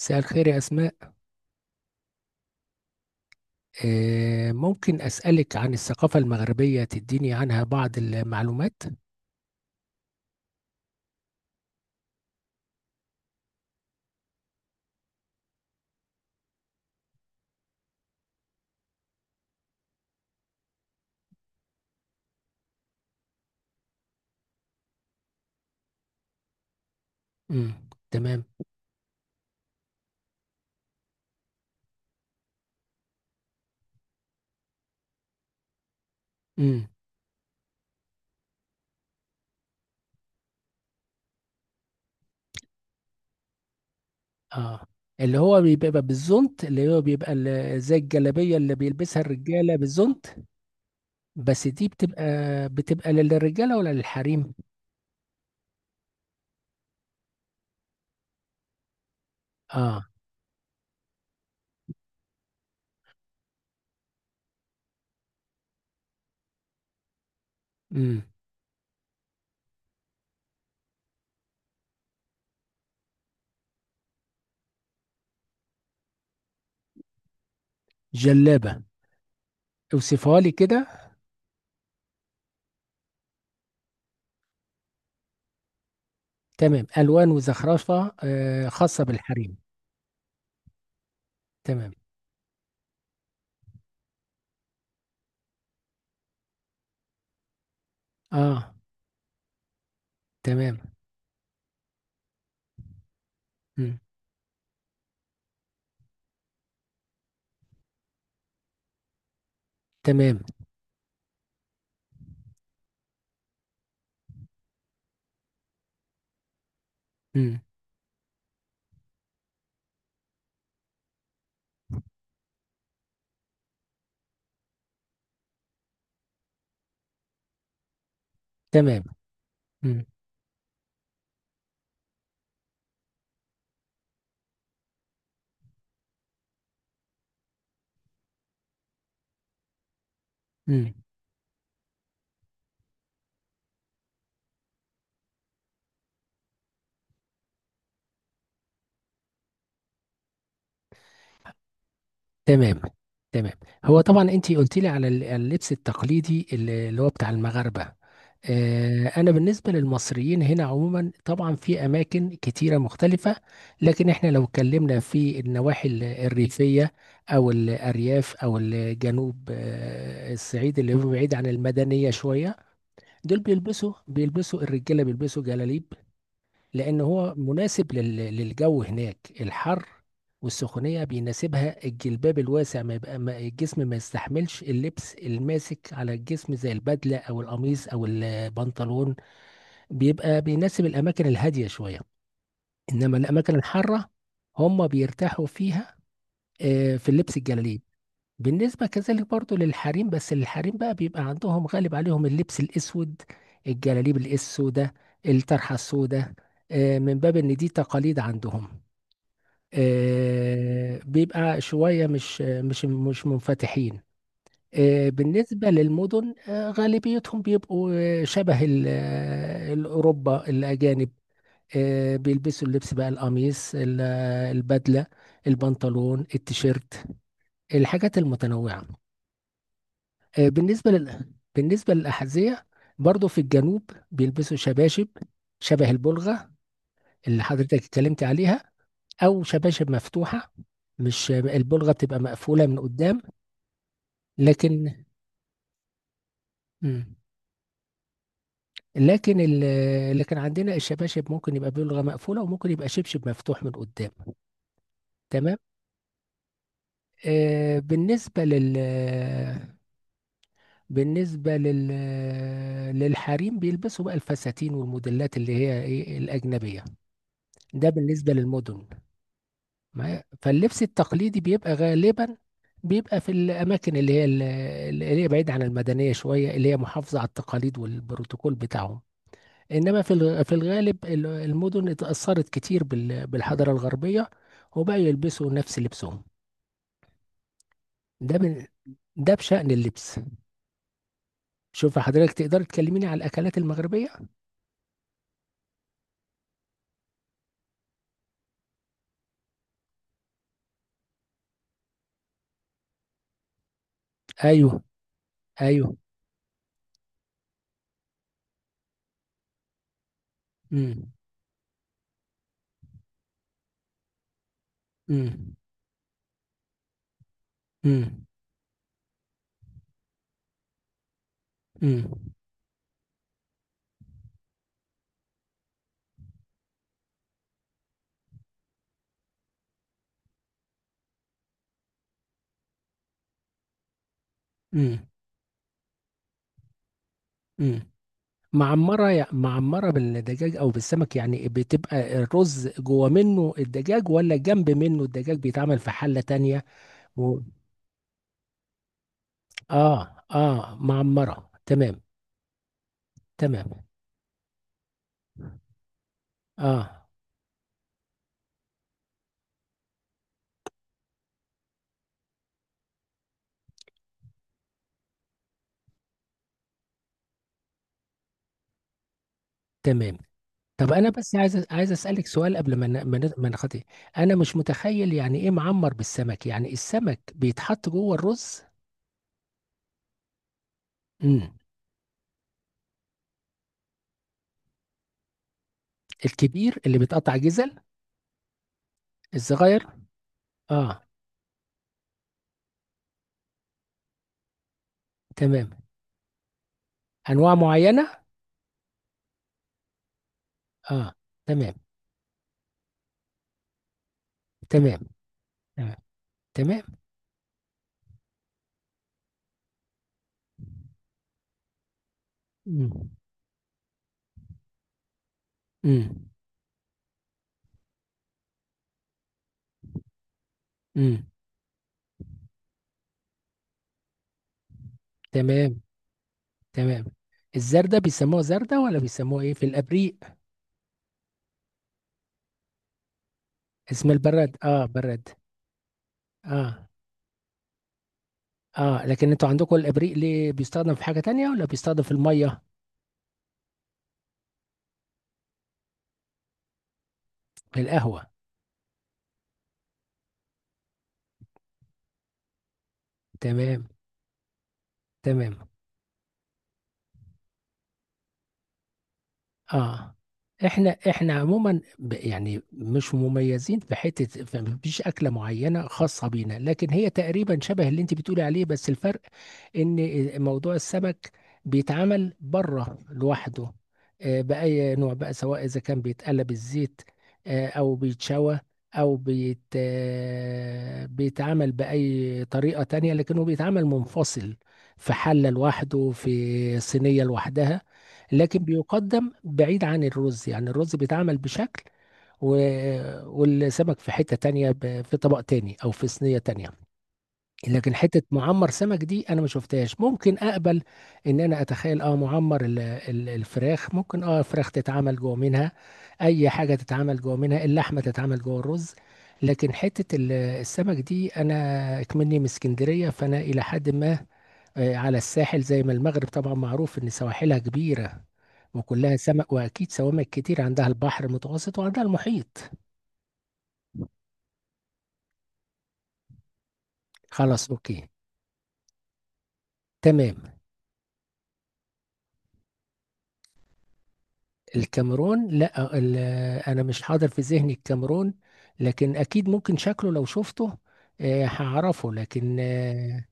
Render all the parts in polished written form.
مساء الخير يا أسماء. ممكن أسألك عن الثقافة المغربية تديني عنها بعض المعلومات؟ امم تمام. امم اه. اللي هو بيبقى بالزونت اللي هو بيبقى زي الجلابية اللي بيلبسها الرجالة بالزونت. بس دي بتبقى للرجالة ولا للحريم؟ اه. امم جلابة. اوصفها لي كده. تمام، ألوان وزخرفة خاصة بالحريم. تمام. اه. تمام. امم تمام. امم تمام. امم تمام. تمام. هو طبعا انت قلت لي على اللبس التقليدي اللي هو بتاع المغاربه. انا بالنسبه للمصريين هنا عموما طبعا في اماكن كتيره مختلفه. لكن احنا لو اتكلمنا في النواحي الريفيه، او الارياف او الجنوب، الصعيد اللي هو بعيد عن المدنيه شويه. دول بيلبسوا الرجاله بيلبسوا جلاليب، لأن هو مناسب للجو هناك الحر والسخونية، بيناسبها الجلباب الواسع، ما يبقى ما الجسم ما يستحملش اللبس الماسك على الجسم زي البدلة أو القميص أو البنطلون. بيبقى بيناسب الأماكن الهادية شوية، إنما الأماكن الحارة هم بيرتاحوا فيها في اللبس الجلاليب. بالنسبة كذلك برضو للحريم، بس الحريم بقى بيبقى عندهم غالب عليهم اللبس الأسود، الجلاليب السوداء، الطرحة السوداء، من باب إن دي تقاليد عندهم. بيبقى شوية مش منفتحين. بالنسبة للمدن، غالبيتهم بيبقوا شبه الأوروبا الأجانب. بيلبسوا اللبس بقى القميص البدلة، البنطلون، التيشيرت، الحاجات المتنوعة. آه، بالنسبة لل... بالنسبة للأحذية برضو في الجنوب بيلبسوا شباشب شبه البلغة اللي حضرتك اتكلمت عليها، أو شباشب مفتوحة. مش البلغة بتبقى مقفولة من قدام. لكن مم. لكن لكن عندنا الشباشب ممكن يبقى بلغة مقفولة وممكن يبقى شبشب مفتوح من قدام. تمام. آه، بالنسبة للحريم بيلبسوا بقى الفساتين والموديلات اللي هي ايه الأجنبية، ده بالنسبة للمدن. ما هي- فاللبس التقليدي بيبقى غالبا، بيبقى في الأماكن اللي هي بعيدة عن المدنية شوية، اللي هي محافظة على التقاليد والبروتوكول بتاعهم. إنما في الغالب المدن اتأثرت كتير بالحضارة الغربية وبقوا يلبسوا نفس لبسهم. ده من ده بشأن اللبس. شوف حضرتك تقدر تكلميني على الأكلات المغربية. أيوه. أيوه. امم امم امم امم امم معمرة بالدجاج أو بالسمك، يعني بتبقى الرز جوه منه الدجاج ولا جنب منه الدجاج بيتعمل في حلة تانية؟ و... آه آه، معمرة، تمام. تمام. آه. تمام. طب أنا بس عايز أسألك سؤال قبل ما نخطي. أنا مش متخيل يعني إيه معمر بالسمك، يعني السمك بيتحط جوه الرز؟ امم الكبير اللي بيتقطع جزل؟ الصغير. آه. تمام. أنواع معينة. آه. تمام. تمام. تمام. تمام. مم. مم. مم. تمام. تمام. الزردة بيسموها زردة ولا بيسموها ايه في الابريق؟ اسم البرد، اه، برد. اه. اه، لكن انتوا عندكم الابريق ليه بيستخدم في حاجة تانية ولا بيستخدم في المية؟ في القهوة. تمام. تمام. اه. احنا عموما يعني مش مميزين مفيش اكله معينه خاصه بينا، لكن هي تقريبا شبه اللي انت بتقولي عليه. بس الفرق ان موضوع السمك بيتعمل بره لوحده، باي نوع بقى، سواء اذا كان بيتقلب الزيت، او بيتشوى، او بيتعمل باي طريقه تانية، لكنه بيتعمل منفصل في حله لوحده، في صينيه لوحدها. لكن بيقدم بعيد عن الرز، يعني الرز بيتعمل بشكل و... والسمك في حتة تانية، في طبق تاني او في صينية تانية. لكن حتة معمر سمك دي انا ما شفتهاش. ممكن اقبل ان انا اتخيل اه، معمر الفراخ ممكن، اه، فراخ تتعمل جوه منها، اي حاجة تتعمل جوه منها، اللحمة تتعمل جوه الرز. لكن حتة السمك دي انا اكمني من اسكندرية، فانا الى حد ما على الساحل، زي ما المغرب طبعا معروف ان سواحلها كبيرة وكلها سمك، واكيد سوامك كتير عندها، البحر المتوسط وعندها المحيط. خلاص، اوكي. تمام. الكاميرون؟ لا، انا مش حاضر في ذهني الكاميرون، لكن اكيد ممكن شكله لو شفته هعرفه. لكن اه،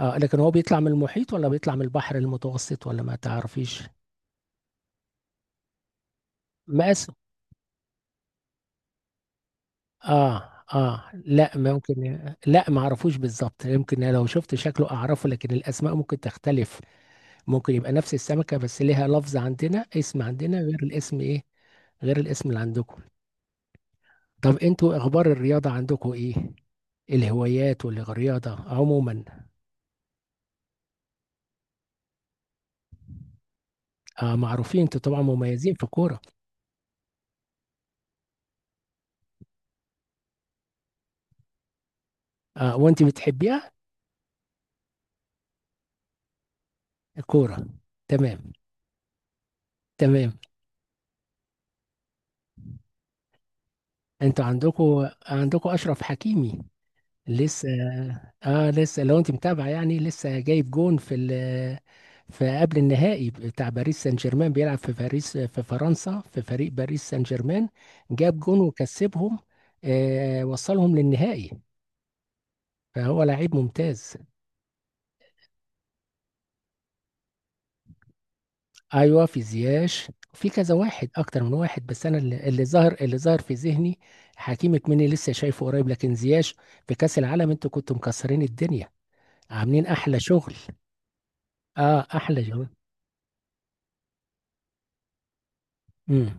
لكن هو بيطلع من المحيط ولا بيطلع من البحر المتوسط ولا ما تعرفيش؟ مقاس. اه. اه، لا، ممكن. لا، ما اعرفوش بالظبط، يمكن لو شفت شكله اعرفه، لكن الاسماء ممكن تختلف، ممكن يبقى نفس السمكة بس ليها لفظ عندنا، اسم عندنا غير الاسم ايه، غير الاسم اللي عندكم. طب انتوا اخبار الرياضة عندكم ايه، الهوايات والرياضة عموما؟ آه، معروفين انتوا طبعا مميزين في الكورة. آه، وانت بتحبيها الكورة؟ تمام. تمام. انتوا عندكم اشرف حكيمي لسه. اه، لسه لو انت متابع يعني، لسه جايب جون في في قبل النهائي بتاع باريس سان جيرمان، بيلعب في باريس في فرنسا في فريق باريس سان جيرمان، جاب جون وكسبهم، آه، وصلهم للنهائي. فهو لعيب ممتاز. ايوه في زياش، في كذا واحد اكتر من واحد، بس انا اللي ظهر في ذهني حكيم، مني لسه شايفه قريب، لكن زياش في كاس العالم انتوا كنتوا مكسرين الدنيا، عاملين احلى شغل. اه، احلى شغل.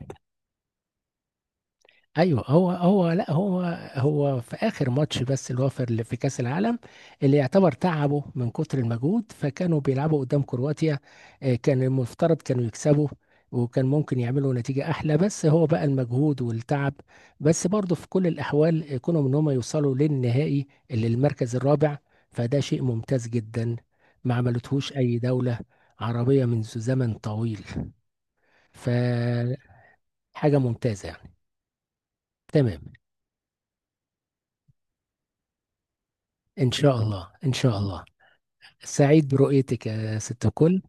ايوه، هو هو لا هو هو في اخر ماتش بس اللي هو في، اللي في كاس العالم، اللي يعتبر تعبوا من كتر المجهود، فكانوا بيلعبوا قدام كرواتيا، كان المفترض كانوا يكسبوا وكان ممكن يعملوا نتيجة أحلى، بس هو بقى المجهود والتعب. بس برضه في كل الأحوال كونوا إن هم يوصلوا للنهائي، اللي المركز الرابع، فده شيء ممتاز جدا، ما عملتهوش أي دولة عربية منذ زمن طويل، فحاجة ممتازة يعني. تمام. إن شاء الله. سعيد برؤيتك يا ست الكل.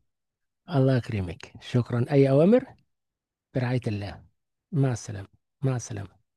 الله يكرمك، شكرا، أي أوامر. برعاية الله. مع السلامة.